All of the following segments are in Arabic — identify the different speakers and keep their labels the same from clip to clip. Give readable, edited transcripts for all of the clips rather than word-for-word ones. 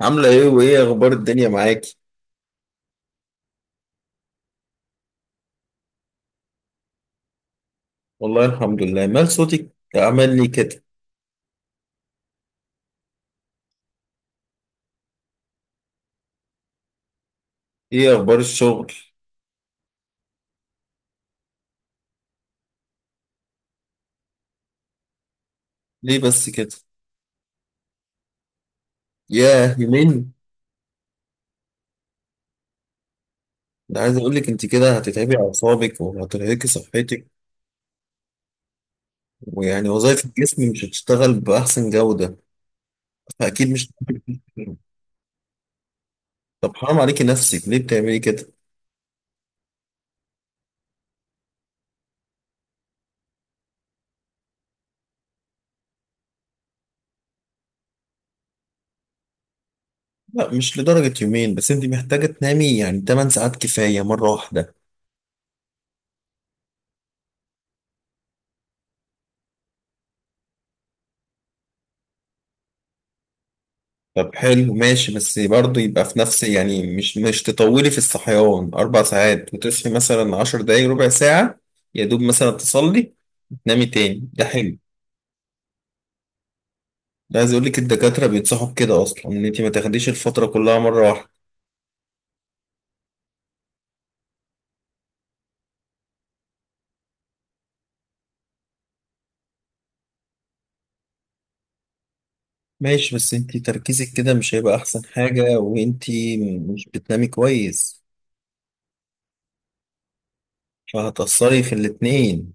Speaker 1: عاملة ايه وايه اخبار الدنيا معاكي؟ والله الحمد لله، مال صوتك عمل لي كده، ايه اخبار الشغل؟ ليه بس كده؟ ياه يومين، انا عايز اقول لك انت كده هتتعبي اعصابك وهترهقي صحتك، ويعني وظائف الجسم مش هتشتغل باحسن جودة، فاكيد مش هتشتغل. طب حرام عليكي نفسك، ليه بتعملي كده؟ لا مش لدرجة يومين، بس انت محتاجة تنامي يعني 8 ساعات كفاية مرة واحدة. طب حلو ماشي، بس برضه يبقى في نفس يعني مش تطولي في الصحيان أربع ساعات وتصحي مثلا عشر دقايق ربع ساعة، يا دوب مثلا تصلي تنامي تاني، ده حلو. ده عايز أقولك الدكاترة بينصحوا بكده أصلا، إن أنت ما تاخديش الفترة كلها مرة واحدة. ماشي، بس أنت تركيزك كده مش هيبقى أحسن حاجة، وأنت مش بتنامي كويس، فهتأثري في الاتنين،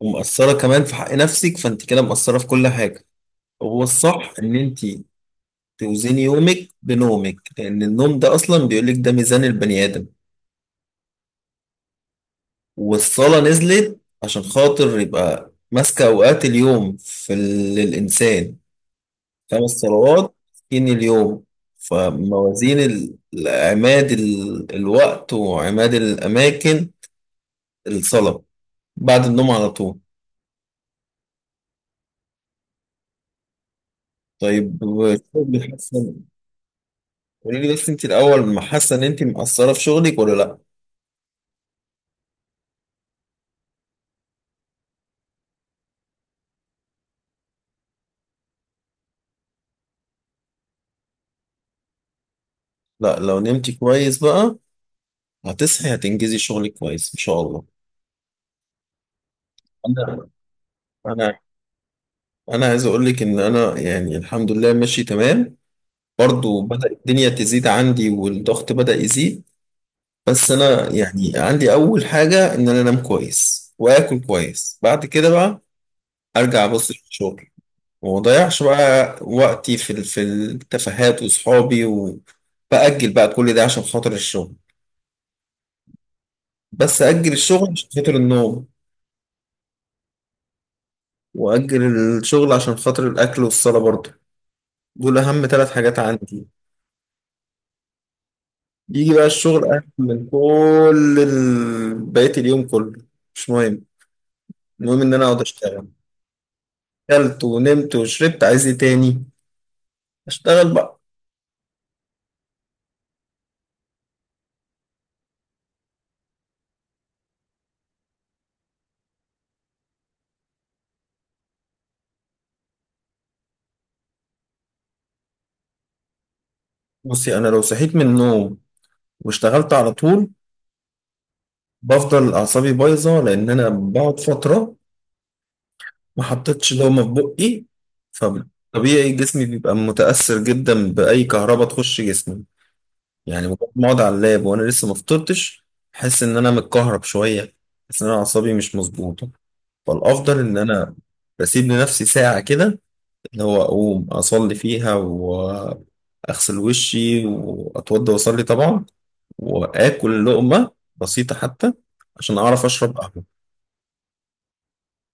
Speaker 1: ومأثرة كمان في حق نفسك، فأنت كده مقصرة في كل حاجة. هو الصح إن أنت توزني يومك بنومك، لأن النوم ده أصلا بيقولك ده ميزان البني آدم. والصلاة نزلت عشان خاطر يبقى ماسكة أوقات اليوم للإنسان، خمس صلوات ستين اليوم. فموازين ال- عماد الوقت وعماد الأماكن، الصلاة بعد النوم على طول. طيب، شغلك حاسة، قولي لي بس انت الأول، ما حاسة إن انت مقصرة في شغلك ولا لأ؟ لأ، لو نمتي كويس بقى هتصحي هتنجزي شغلك كويس إن شاء الله. انا انا انا عايز اقول لك ان انا يعني الحمد لله ماشي تمام، برضو بدأ الدنيا تزيد عندي والضغط بدأ يزيد. بس انا يعني عندي اول حاجة ان انا انام كويس واكل كويس، بعد كده بقى ارجع ابص في الشغل، وما اضيعش بقى وقتي في التفاهات وصحابي، وبأجل بقى كل ده عشان خاطر الشغل. بس أجل الشغل عشان خاطر النوم، وأجل الشغل عشان خاطر الأكل والصلاة برضه. دول أهم ثلاث حاجات عندي. يجي بقى الشغل أهم من كل بقية اليوم كله، مش مهم. المهم إن أنا أقعد أشتغل. أكلت ونمت وشربت، عايز إيه تاني؟ أشتغل بقى. بصي، أنا لو صحيت من النوم واشتغلت على طول، بفضل أعصابي بايظة، لأن أنا بقعد فترة ما حطيتش دومة في بقي، فطبيعي جسمي بيبقى متأثر جدا بأي كهرباء تخش جسمي. يعني مجرد ما أقعد على اللاب وأنا لسه ما فطرتش، أحس إن أنا متكهرب شوية، أحس إن أنا أعصابي مش مظبوطة. فالافضل ان انا بسيب لنفسي ساعه كده، اللي هو اقوم اصلي فيها، واغسل وشي واتوضى واصلي طبعا، واكل لقمه بسيطه حتى عشان اعرف اشرب قهوه.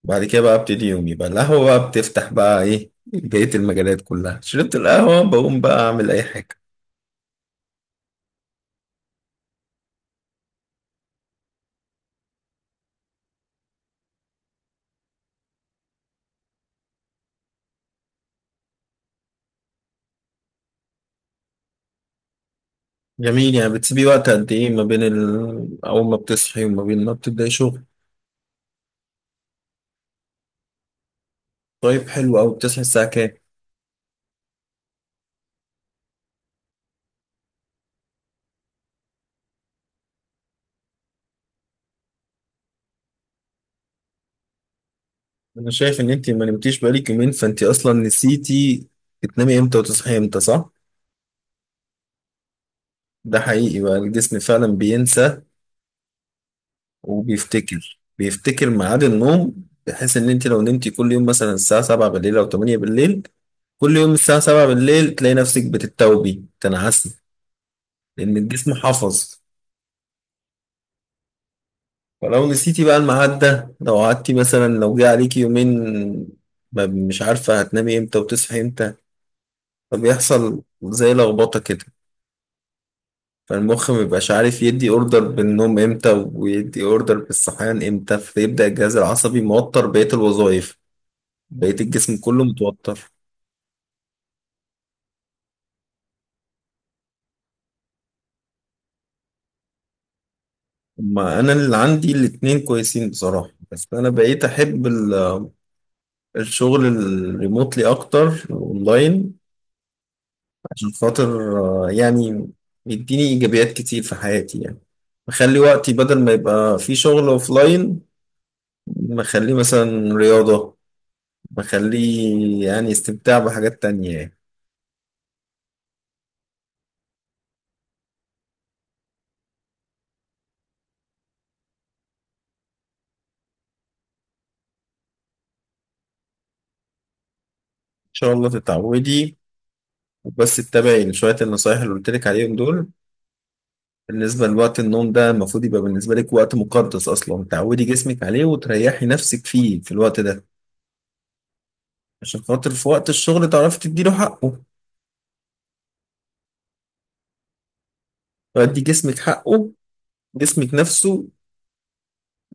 Speaker 1: وبعد كده بقى ابتدي يومي بقى، القهوه بقى بتفتح بقى ايه بقيه المجالات كلها، شربت القهوه بقوم بقى اعمل اي حاجه. جميل، يعني بتسيبي وقت قد ايه ما بين اول ما بتصحي وما بين ما بتبداي شغل؟ طيب حلو قوي، بتصحي الساعه كام؟ انا شايف ان انت ما نمتيش بقالك يومين، فانت اصلا نسيتي تنامي امتى وتصحي امتى، صح؟ ده حقيقي بقى الجسم فعلا بينسى وبيفتكر، ميعاد النوم، بحيث ان انت لو نمتي كل يوم مثلا الساعة 7 بالليل او 8 بالليل، كل يوم الساعة 7 بالليل تلاقي نفسك بتتوبي تنعسي، لان الجسم حفظ. فلو نسيتي بقى الميعاد ده، لو قعدتي مثلا لو جه عليكي يومين مش عارفة هتنامي امتى وتصحي امتى، فبيحصل زي لخبطة كده، فالمخ مبيبقاش عارف يدي اوردر بالنوم امتى ويدي اوردر بالصحيان امتى، فيبدأ الجهاز العصبي موتر بقية الوظائف، بقية الجسم كله متوتر. ما انا اللي عندي الاتنين كويسين بصراحة، بس انا بقيت احب الشغل الريموتلي اكتر اونلاين، عشان خاطر آه، يعني يديني ايجابيات كتير في حياتي يعني، بخلي وقتي بدل ما يبقى في شغل اوفلاين، بخليه مثلا رياضة، بخليه يعني استمتاع بحاجات تانية يعني. شاء الله تتعودي، بس اتبعي شوية النصايح اللي قلت لك عليهم دول. بالنسبة لوقت النوم ده، المفروض يبقى بالنسبة لك وقت مقدس أصلا، تعودي جسمك عليه وتريحي نفسك فيه في الوقت ده، عشان خاطر في وقت الشغل تعرفي تديله حقه، تدي جسمك حقه، جسمك نفسه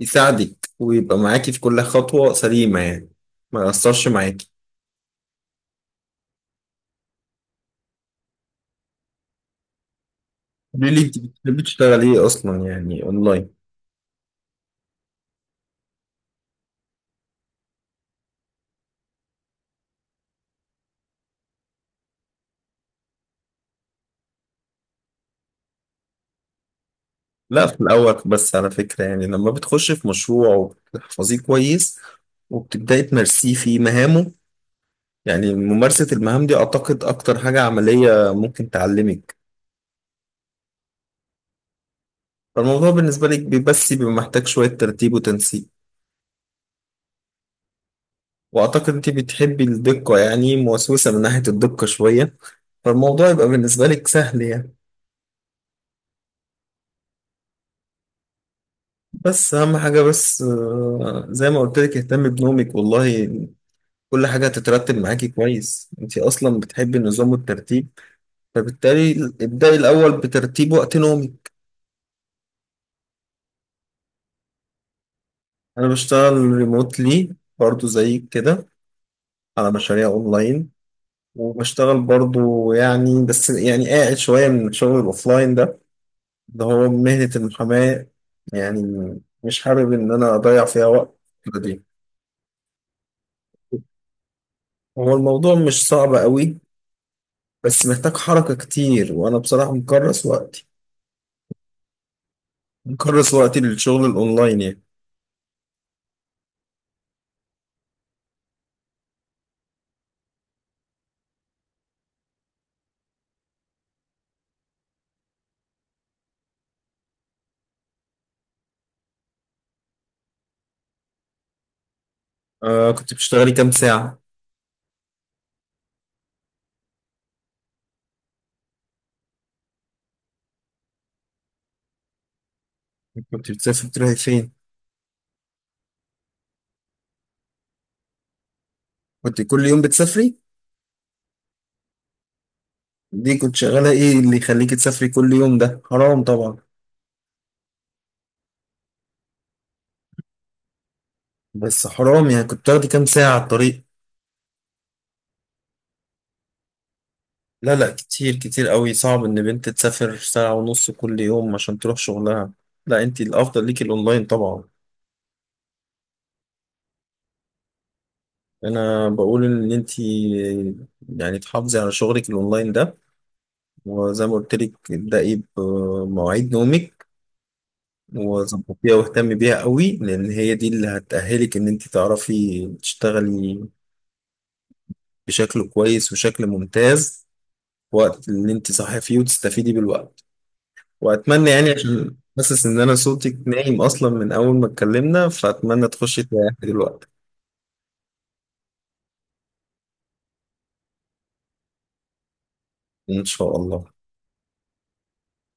Speaker 1: يساعدك ويبقى معاكي في كل خطوة سليمة يعني، ما يأثرش معاكي. قولي لي انت بتحبي تشتغلي ايه اصلا يعني اونلاين؟ لا في الاول بس على فكرة يعني، لما بتخشي في مشروع وبتحفظيه كويس وبتبدأي تمارسيه في مهامه، يعني ممارسة المهام دي أعتقد أكتر حاجة عملية ممكن تعلمك. فالموضوع بالنسبة لك بس بيبقى محتاج شوية ترتيب وتنسيق، وأعتقد أنت بتحبي الدقة، يعني موسوسة من ناحية الدقة شوية، فالموضوع يبقى بالنسبة لك سهل يعني. بس أهم حاجة بس آه، زي ما قلت لك اهتمي بنومك والله، كل حاجة هتترتب معاكي كويس، أنت أصلا بتحبي النظام والترتيب، فبالتالي ابدأي الأول بترتيب وقت نومك. أنا بشتغل ريموتلي برضو زي كده، على مشاريع أونلاين، وبشتغل برضو يعني بس يعني قاعد شوية من الشغل الأوفلاين ده، اللي هو مهنة المحاماة، يعني مش حابب إن أنا أضيع فيها وقت. دي هو الموضوع مش صعب قوي، بس محتاج حركة كتير، وأنا بصراحة مكرس وقتي، للشغل الأونلاين يعني. آه كنت بتشتغلي كام ساعة؟ كنت بتسافري بتروحي فين؟ كنت كل يوم بتسافري؟ دي كنت شغالة ايه اللي يخليك تسافري كل يوم؟ ده حرام طبعا. بس حرام يعني، كنت تاخدي كام ساعة على الطريق؟ لا لا، كتير كتير قوي، صعب ان بنت تسافر ساعة ونص كل يوم عشان تروح شغلها. لا انت الافضل ليكي الاونلاين طبعا. انا بقول ان انت يعني تحافظي على شغلك الاونلاين ده، وزي ما قلت لك ابدأي بمواعيد نومك وظبطيها واهتمي بيها قوي، لان هي دي اللي هتأهلك ان انت تعرفي تشتغلي بشكل كويس وشكل ممتاز، وقت اللي انت صاحيه فيه، وتستفيدي بالوقت. واتمنى يعني، عشان حاسس ان انا صوتك نايم اصلا من اول ما اتكلمنا، فاتمنى تخشي تريحي دلوقتي. ان شاء الله.